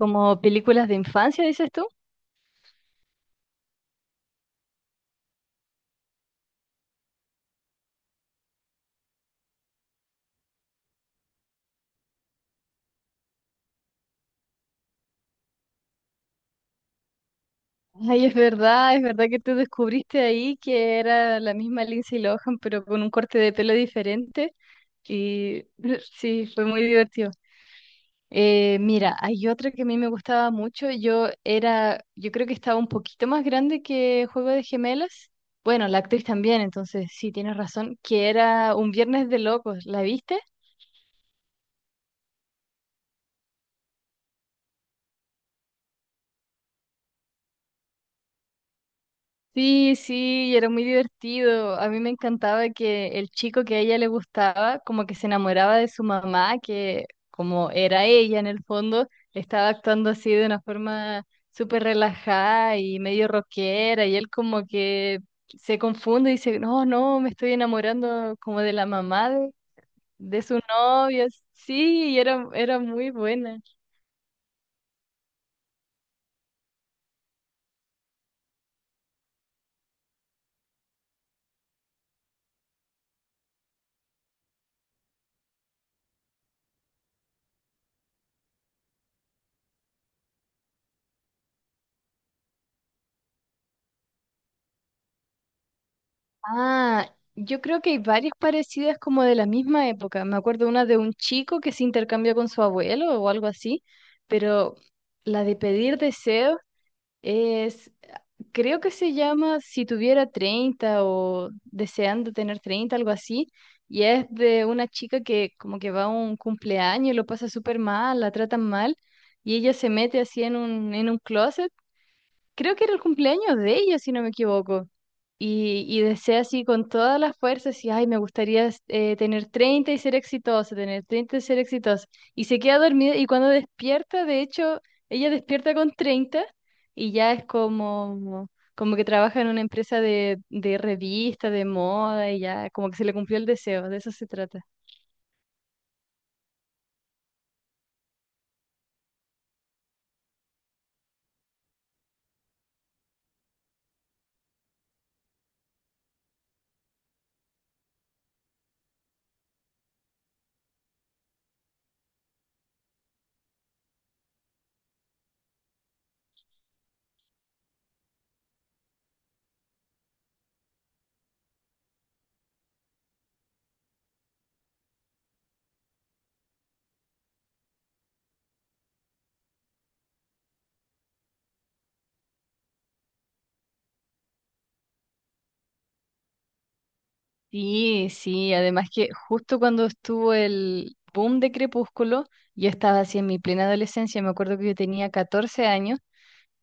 Como películas de infancia, dices tú. Ay, es verdad que tú descubriste ahí que era la misma Lindsay Lohan, pero con un corte de pelo diferente. Y sí, fue muy divertido. Mira, hay otra que a mí me gustaba mucho. Yo creo que estaba un poquito más grande que Juego de Gemelas. Bueno, la actriz también, entonces sí, tienes razón, que era Un Viernes de Locos. ¿La viste? Sí, sí, y era muy divertido. A mí me encantaba que el chico que a ella le gustaba, como que se enamoraba de su mamá, que como era ella en el fondo, estaba actuando así de una forma súper relajada y medio rockera, y él como que se confunde y dice, no, no, me estoy enamorando como de la mamá de, su novia. Sí, y era, era muy buena. Ah, yo creo que hay varias parecidas como de la misma época. Me acuerdo una de un chico que se intercambió con su abuelo o algo así, pero la de pedir deseos es, creo que se llama Si tuviera 30 o deseando tener 30, algo así, y es de una chica que como que va a un cumpleaños y lo pasa súper mal, la tratan mal, y ella se mete así en un, closet, creo que era el cumpleaños de ella, si no me equivoco. Y desea así con todas las fuerzas, y ay, me gustaría tener 30 y ser exitosa, tener 30 y ser exitosa. Y se queda dormida y cuando despierta, de hecho, ella despierta con 30 y ya es como, como que trabaja en una empresa de revista, de moda, y ya como que se le cumplió el deseo, de eso se trata. Sí, sí, además que justo cuando estuvo el boom de Crepúsculo, yo estaba así en mi plena adolescencia, me acuerdo que yo tenía 14 años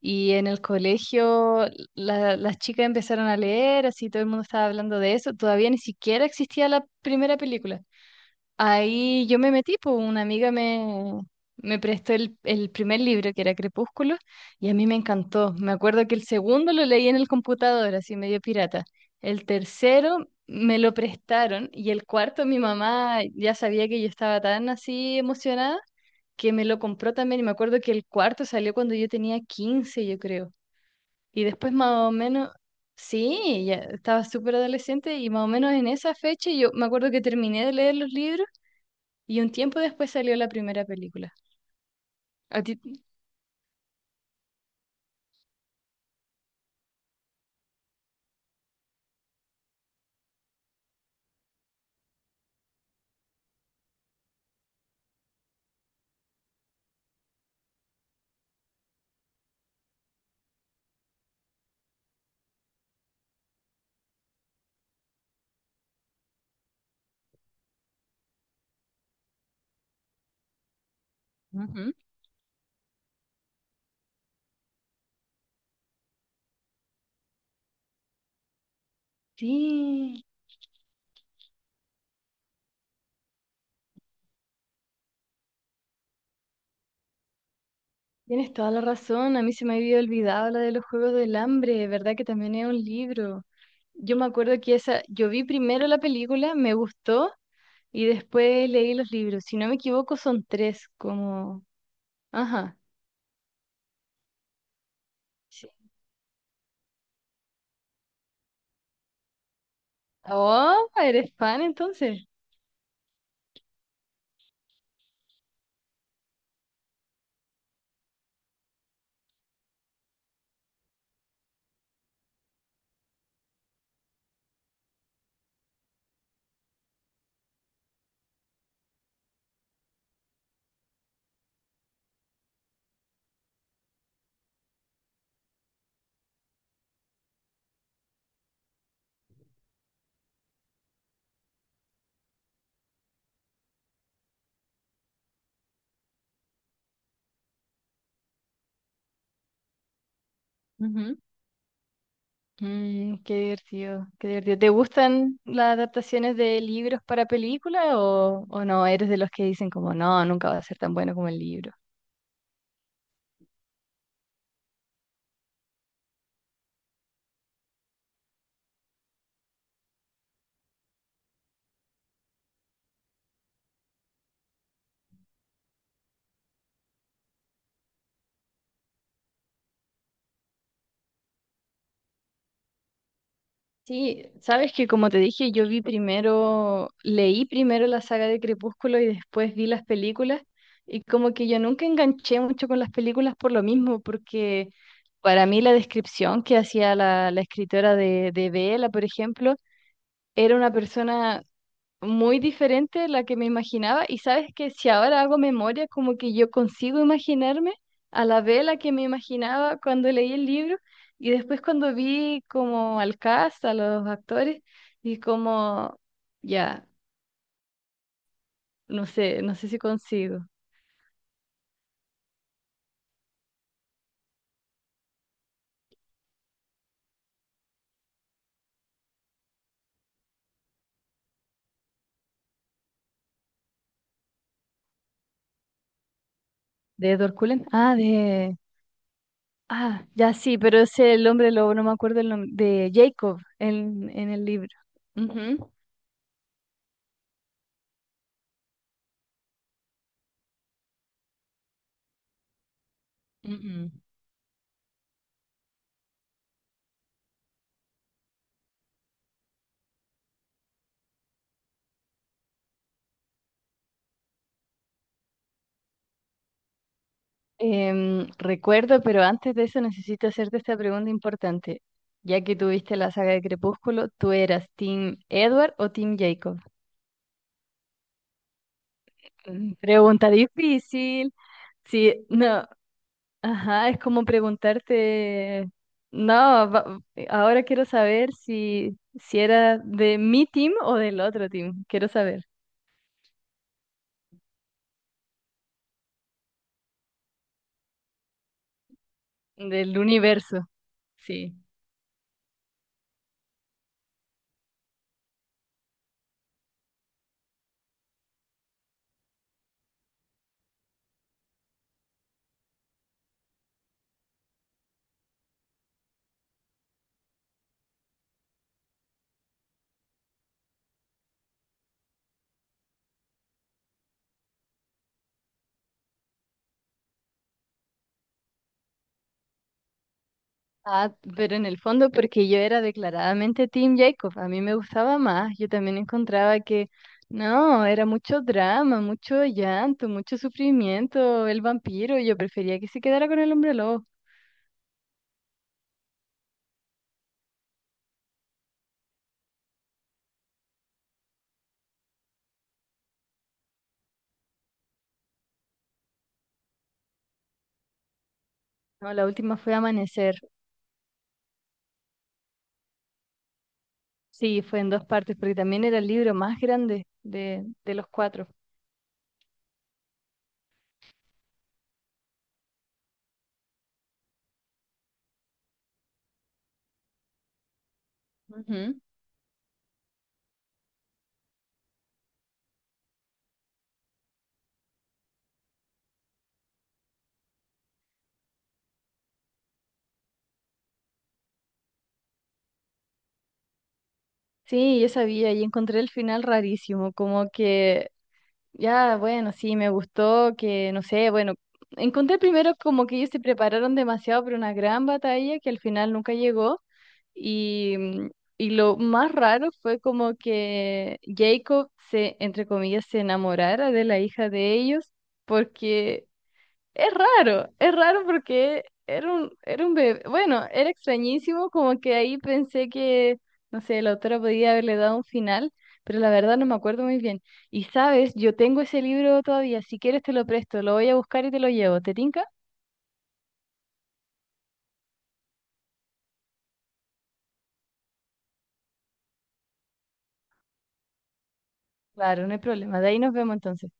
y en el colegio las chicas empezaron a leer, así todo el mundo estaba hablando de eso, todavía ni siquiera existía la primera película. Ahí yo me metí, pues una amiga me, prestó el primer libro, que era Crepúsculo, y a mí me encantó. Me acuerdo que el segundo lo leí en el computador, así medio pirata. El tercero me lo prestaron y el cuarto mi mamá ya sabía que yo estaba tan así emocionada que me lo compró también. Y me acuerdo que el cuarto salió cuando yo tenía 15, yo creo. Y después más o menos... Sí, ya estaba súper adolescente y más o menos en esa fecha yo me acuerdo que terminé de leer los libros y un tiempo después salió la primera película. A ti- Ujú. Sí, tienes toda la razón. A mí se me había olvidado la de los Juegos del Hambre, ¿verdad? Que también es un libro. Yo me acuerdo que esa, yo vi primero la película, me gustó y después leí los libros. Si no me equivoco, son tres, como... Ajá. Sí. Oh, eres fan entonces. Qué divertido, qué divertido. ¿Te gustan las adaptaciones de libros para película o no? ¿Eres de los que dicen como, no, nunca va a ser tan bueno como el libro? Sí, sabes que como te dije, yo vi primero, leí primero la saga de Crepúsculo y después vi las películas y como que yo nunca enganché mucho con las películas por lo mismo, porque para mí la descripción que hacía la escritora de, Bella, por ejemplo, era una persona muy diferente de la que me imaginaba. Y sabes que si ahora hago memoria, como que yo consigo imaginarme a la vela que me imaginaba cuando leí el libro y después cuando vi como al cast, a los actores, y como, ya, no sé, no sé si consigo. ¿De Edward Cullen? Ah. Ah, ya sí, pero ese el hombre lobo, no me acuerdo el nombre, de Jacob en el libro. Ujú. Ujú. Recuerdo, pero antes de eso necesito hacerte esta pregunta importante. Ya que tuviste la saga de Crepúsculo, ¿tú eras Team Edward o Team Jacob? Pregunta difícil. Sí, no, ajá, es como preguntarte, no, ahora quiero saber si era de mi team o del otro team, quiero saber, del universo, sí. Ah, pero en el fondo, porque yo era declaradamente Team Jacob, a mí me gustaba más, yo también encontraba que no, era mucho drama, mucho llanto, mucho sufrimiento, el vampiro, yo prefería que se quedara con el hombre lobo. No, la última fue Amanecer, sí, fue en dos partes, porque también era el libro más grande de los cuatro. Ujú. Sí, yo sabía y encontré el final rarísimo, como que ya, bueno, sí, me gustó que, no sé, bueno, encontré primero como que ellos se prepararon demasiado para una gran batalla que al final nunca llegó. Y, mm, y lo más raro fue como que Jacob se, entre comillas, se enamorara de la hija de ellos, porque es raro porque era un, bebé. Bueno, era extrañísimo, como que ahí pensé que, no sé, la autora podía haberle dado un final, pero la verdad no me acuerdo muy bien. Y sabes, yo tengo ese libro todavía, si quieres te lo presto, lo voy a buscar y te lo llevo. ¿Te tinca? Claro, no hay problema. De ahí nos vemos entonces.